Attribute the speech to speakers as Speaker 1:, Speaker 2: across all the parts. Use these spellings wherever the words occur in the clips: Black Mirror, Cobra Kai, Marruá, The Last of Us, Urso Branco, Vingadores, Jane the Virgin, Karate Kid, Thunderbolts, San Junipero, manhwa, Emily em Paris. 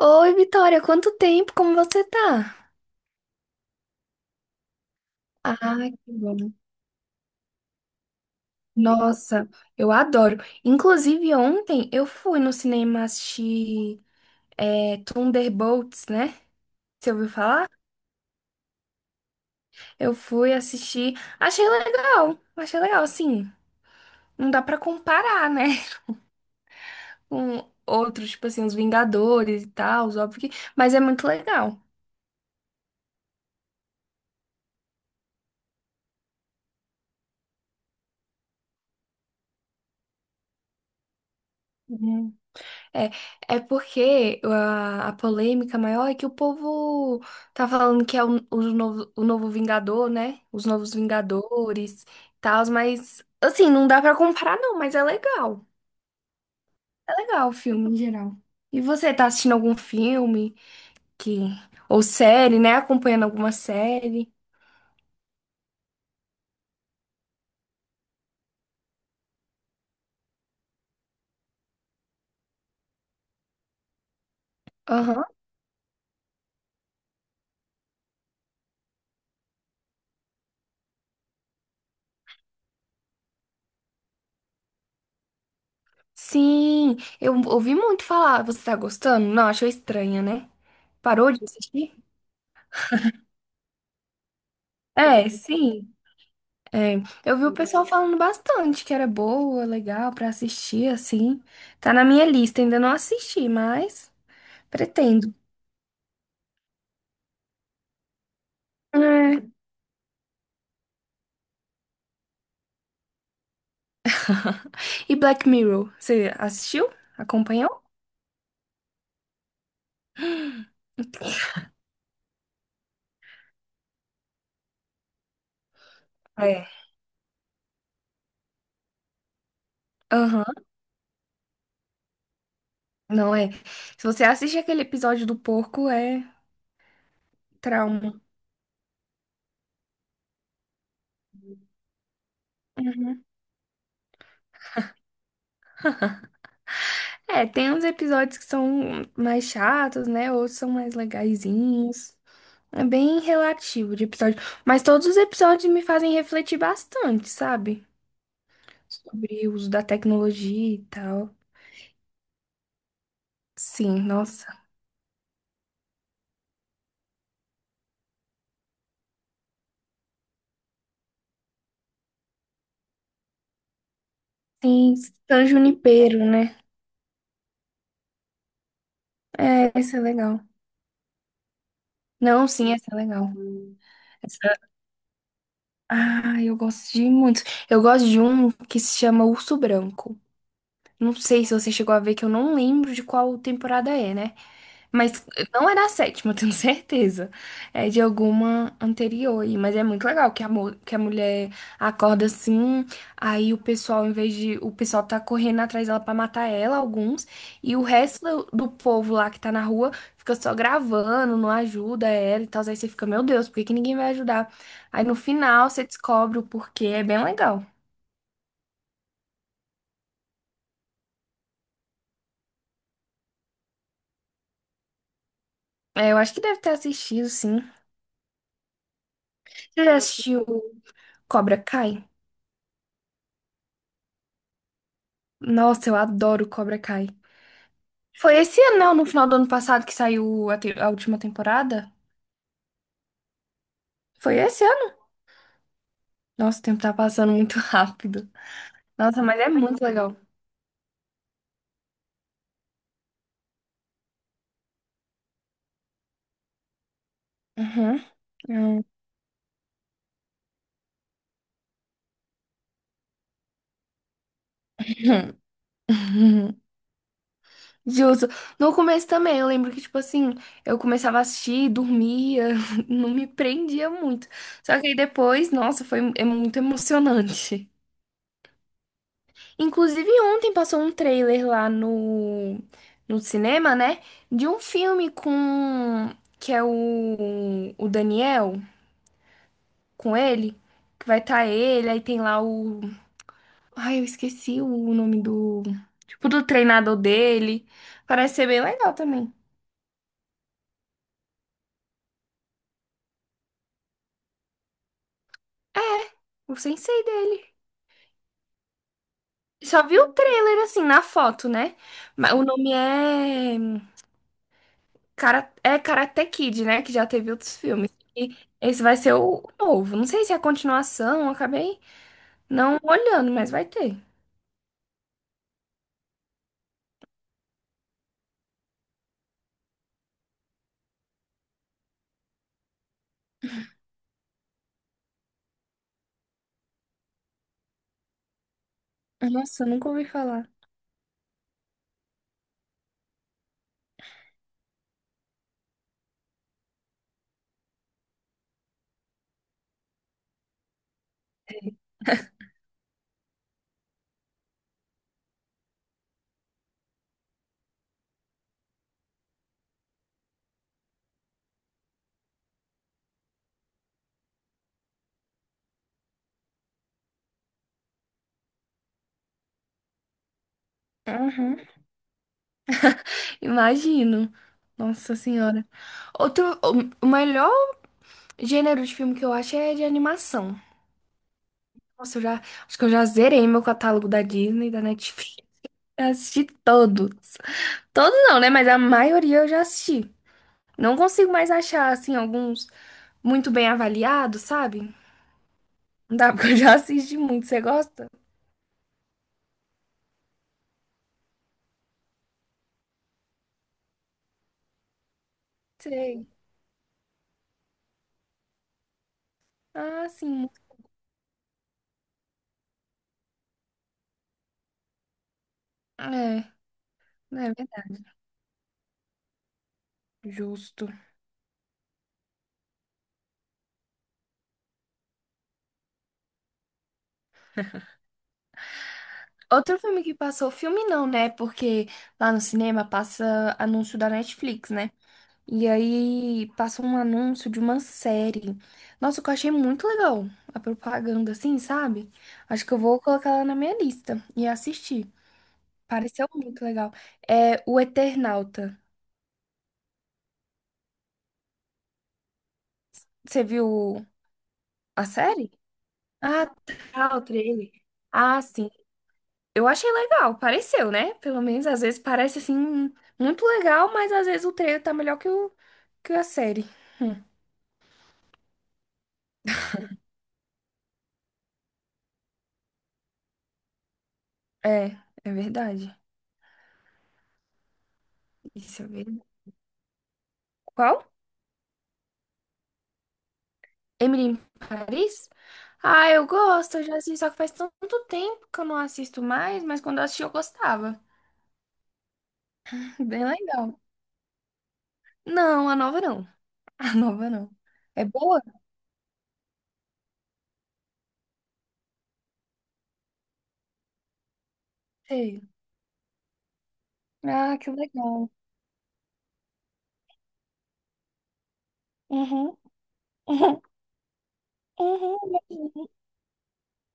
Speaker 1: Oi, Vitória, quanto tempo? Como você tá? Ai, que bom. Nossa, eu adoro. Inclusive, ontem eu fui no cinema assistir Thunderbolts, né? Você ouviu falar? Eu fui assistir. Achei legal. Achei legal, assim. Não dá pra comparar, né? Com outros, tipo assim, os Vingadores e tal, óbvio que... Mas é muito legal. É, é porque a polêmica maior é que o povo tá falando que é o novo, o novo Vingador, né? Os novos Vingadores e tal, mas assim, não dá pra comparar não, mas é legal. É legal o filme em geral. E você tá assistindo algum filme que ou série, né? Acompanhando alguma série? Aham. Sim, eu ouvi muito falar. Você tá gostando? Não, achou estranha, né? Parou de assistir? É, sim. É, eu vi o pessoal falando bastante que era boa, legal pra assistir, assim. Tá na minha lista, ainda não assisti, mas pretendo. É. E Black Mirror, você assistiu? Acompanhou? É. Aham, não é. Se você assiste aquele episódio do porco, é trauma. Uhum. É, tem uns episódios que são mais chatos, né? Outros são mais legaizinhos. É bem relativo de episódio. Mas todos os episódios me fazem refletir bastante, sabe? Sobre o uso da tecnologia e tal. Sim, nossa. Sim, San Junipero, né? É, essa é legal. Não, sim, essa é legal. Essa- Ah, eu gosto de muitos. Eu gosto de um que se chama Urso Branco. Não sei se você chegou a ver, que eu não lembro de qual temporada é, né? Mas não é da sétima, eu tenho certeza. É de alguma anterior aí. Mas é muito legal que a mulher acorda assim. Aí o pessoal, em vez de. O pessoal tá correndo atrás dela pra matar ela, alguns. E o resto do povo lá que tá na rua fica só gravando, não ajuda ela e tal. Aí você fica, meu Deus, por que que ninguém vai ajudar? Aí no final você descobre o porquê. É bem legal. É, eu acho que deve ter assistido, sim. Você já assistiu Cobra Kai? Nossa, eu adoro Cobra Kai. Foi esse ano, não? No final do ano passado que saiu a última temporada? Foi esse ano? Nossa, o tempo tá passando muito rápido. Nossa, mas é muito legal. Uhum. Uhum. Justo. No começo também, eu lembro que, tipo assim, eu começava a assistir, dormia, não me prendia muito. Só que aí depois, nossa, foi é muito emocionante. Inclusive, ontem passou um trailer lá no cinema, né? De um filme com. Que é o Daniel, com ele. Que vai estar ele, aí tem lá o. Ai, eu esqueci o nome do. Tipo, do treinador dele. Parece ser bem legal também. O sensei dele. Só vi o trailer assim, na foto, né? Mas o nome é. Cara, é Karate Kid, né? Que já teve outros filmes. E esse vai ser o novo. Não sei se é a continuação, eu acabei não olhando, mas vai ter. Nossa, eu nunca ouvi falar. Uhum. Imagino. Nossa Senhora. Outro, o melhor gênero de filme que eu acho é de animação. Nossa, acho que eu já zerei meu catálogo da Disney, da Netflix. Eu assisti todos. Todos não, né? Mas a maioria eu já assisti. Não consigo mais achar, assim, alguns muito bem avaliados, sabe? Não dá porque eu já assisti muito. Você gosta? Sei. Ah, sim. É, é verdade. Justo. Outro filme que passou, filme não, né? Porque lá no cinema passa anúncio da Netflix, né? E aí passa um anúncio de uma série. Nossa, que eu achei muito legal a propaganda, assim, sabe? Acho que eu vou colocar ela na minha lista e assistir. Pareceu muito legal. É O Eternauta. Você viu a série? Ah, tá, o trailer. Ah, sim. Eu achei legal, pareceu, né? Pelo menos às vezes parece assim muito legal, mas às vezes o trailer tá melhor que, o, que a série. É, é verdade. Isso é verdade. Qual? Emily em Paris? Ah, eu gosto, eu já assisti, só que faz tanto tempo que eu não assisto mais, mas quando eu assisti eu gostava. Bem legal. Não, a nova não. A nova não. É boa? Sei. Ah, que legal. Uhum, uhum, uhum. Uhum.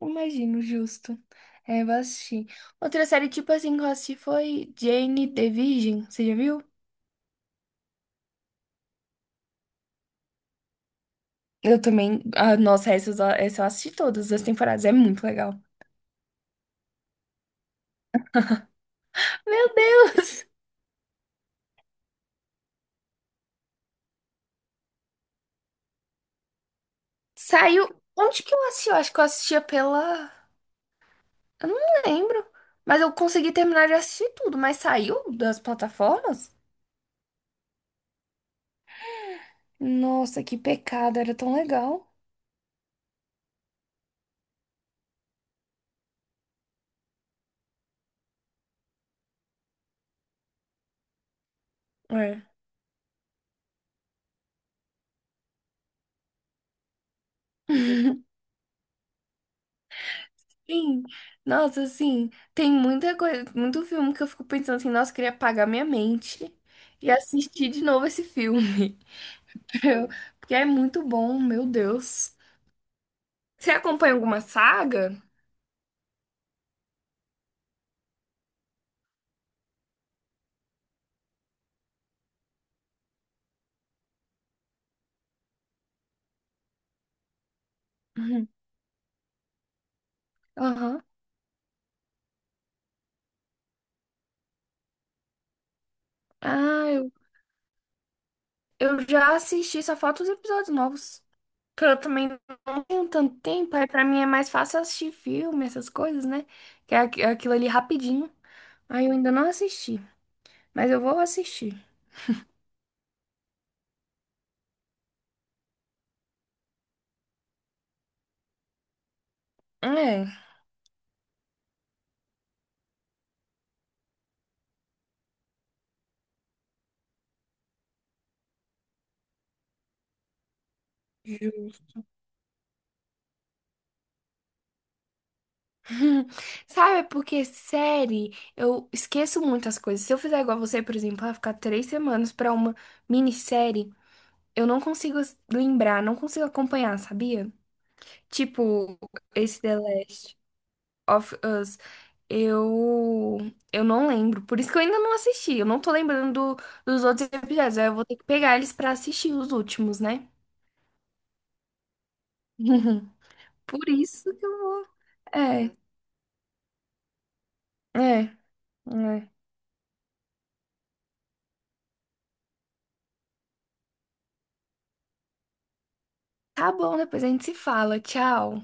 Speaker 1: Imagino, justo. É, vou assistir. Outra série, tipo assim, que eu assisti foi Jane the Virgin. Você já viu? Eu também. Ah, nossa, essa eu assisti todas as temporadas. É muito legal. Meu Deus! Saiu. Onde que eu assisti? Eu acho que eu assistia pela. Eu não lembro. Mas eu consegui terminar de assistir tudo, mas saiu das plataformas? Nossa, que pecado, era tão legal. É. Sim, nossa, assim, tem muita coisa, muito filme que eu fico pensando assim, nossa, eu queria apagar minha mente e assistir de novo esse filme. Eu- Porque é muito bom, meu Deus. Você acompanha alguma saga? Uhum. Aham. Ah, eu já assisti, só falta os episódios novos. Porque eu também não tenho tanto tempo, aí pra mim é mais fácil assistir filme, essas coisas, né? Que é aquilo ali rapidinho. Aí eu ainda não assisti, mas eu vou assistir. É. Hum, sabe, porque série, eu esqueço muitas coisas. Se eu fizer igual você, por exemplo, vai ficar 3 semanas pra uma minissérie, eu não consigo lembrar, não consigo acompanhar, sabia? Tipo, esse The Last of Us, eu, eu não lembro. Por isso que eu ainda não assisti. Eu não tô lembrando dos outros episódios. Aí eu vou ter que pegar eles pra assistir os últimos, né? Por isso que eu vou. É, é, é. Tá bom, depois a gente se fala. Tchau.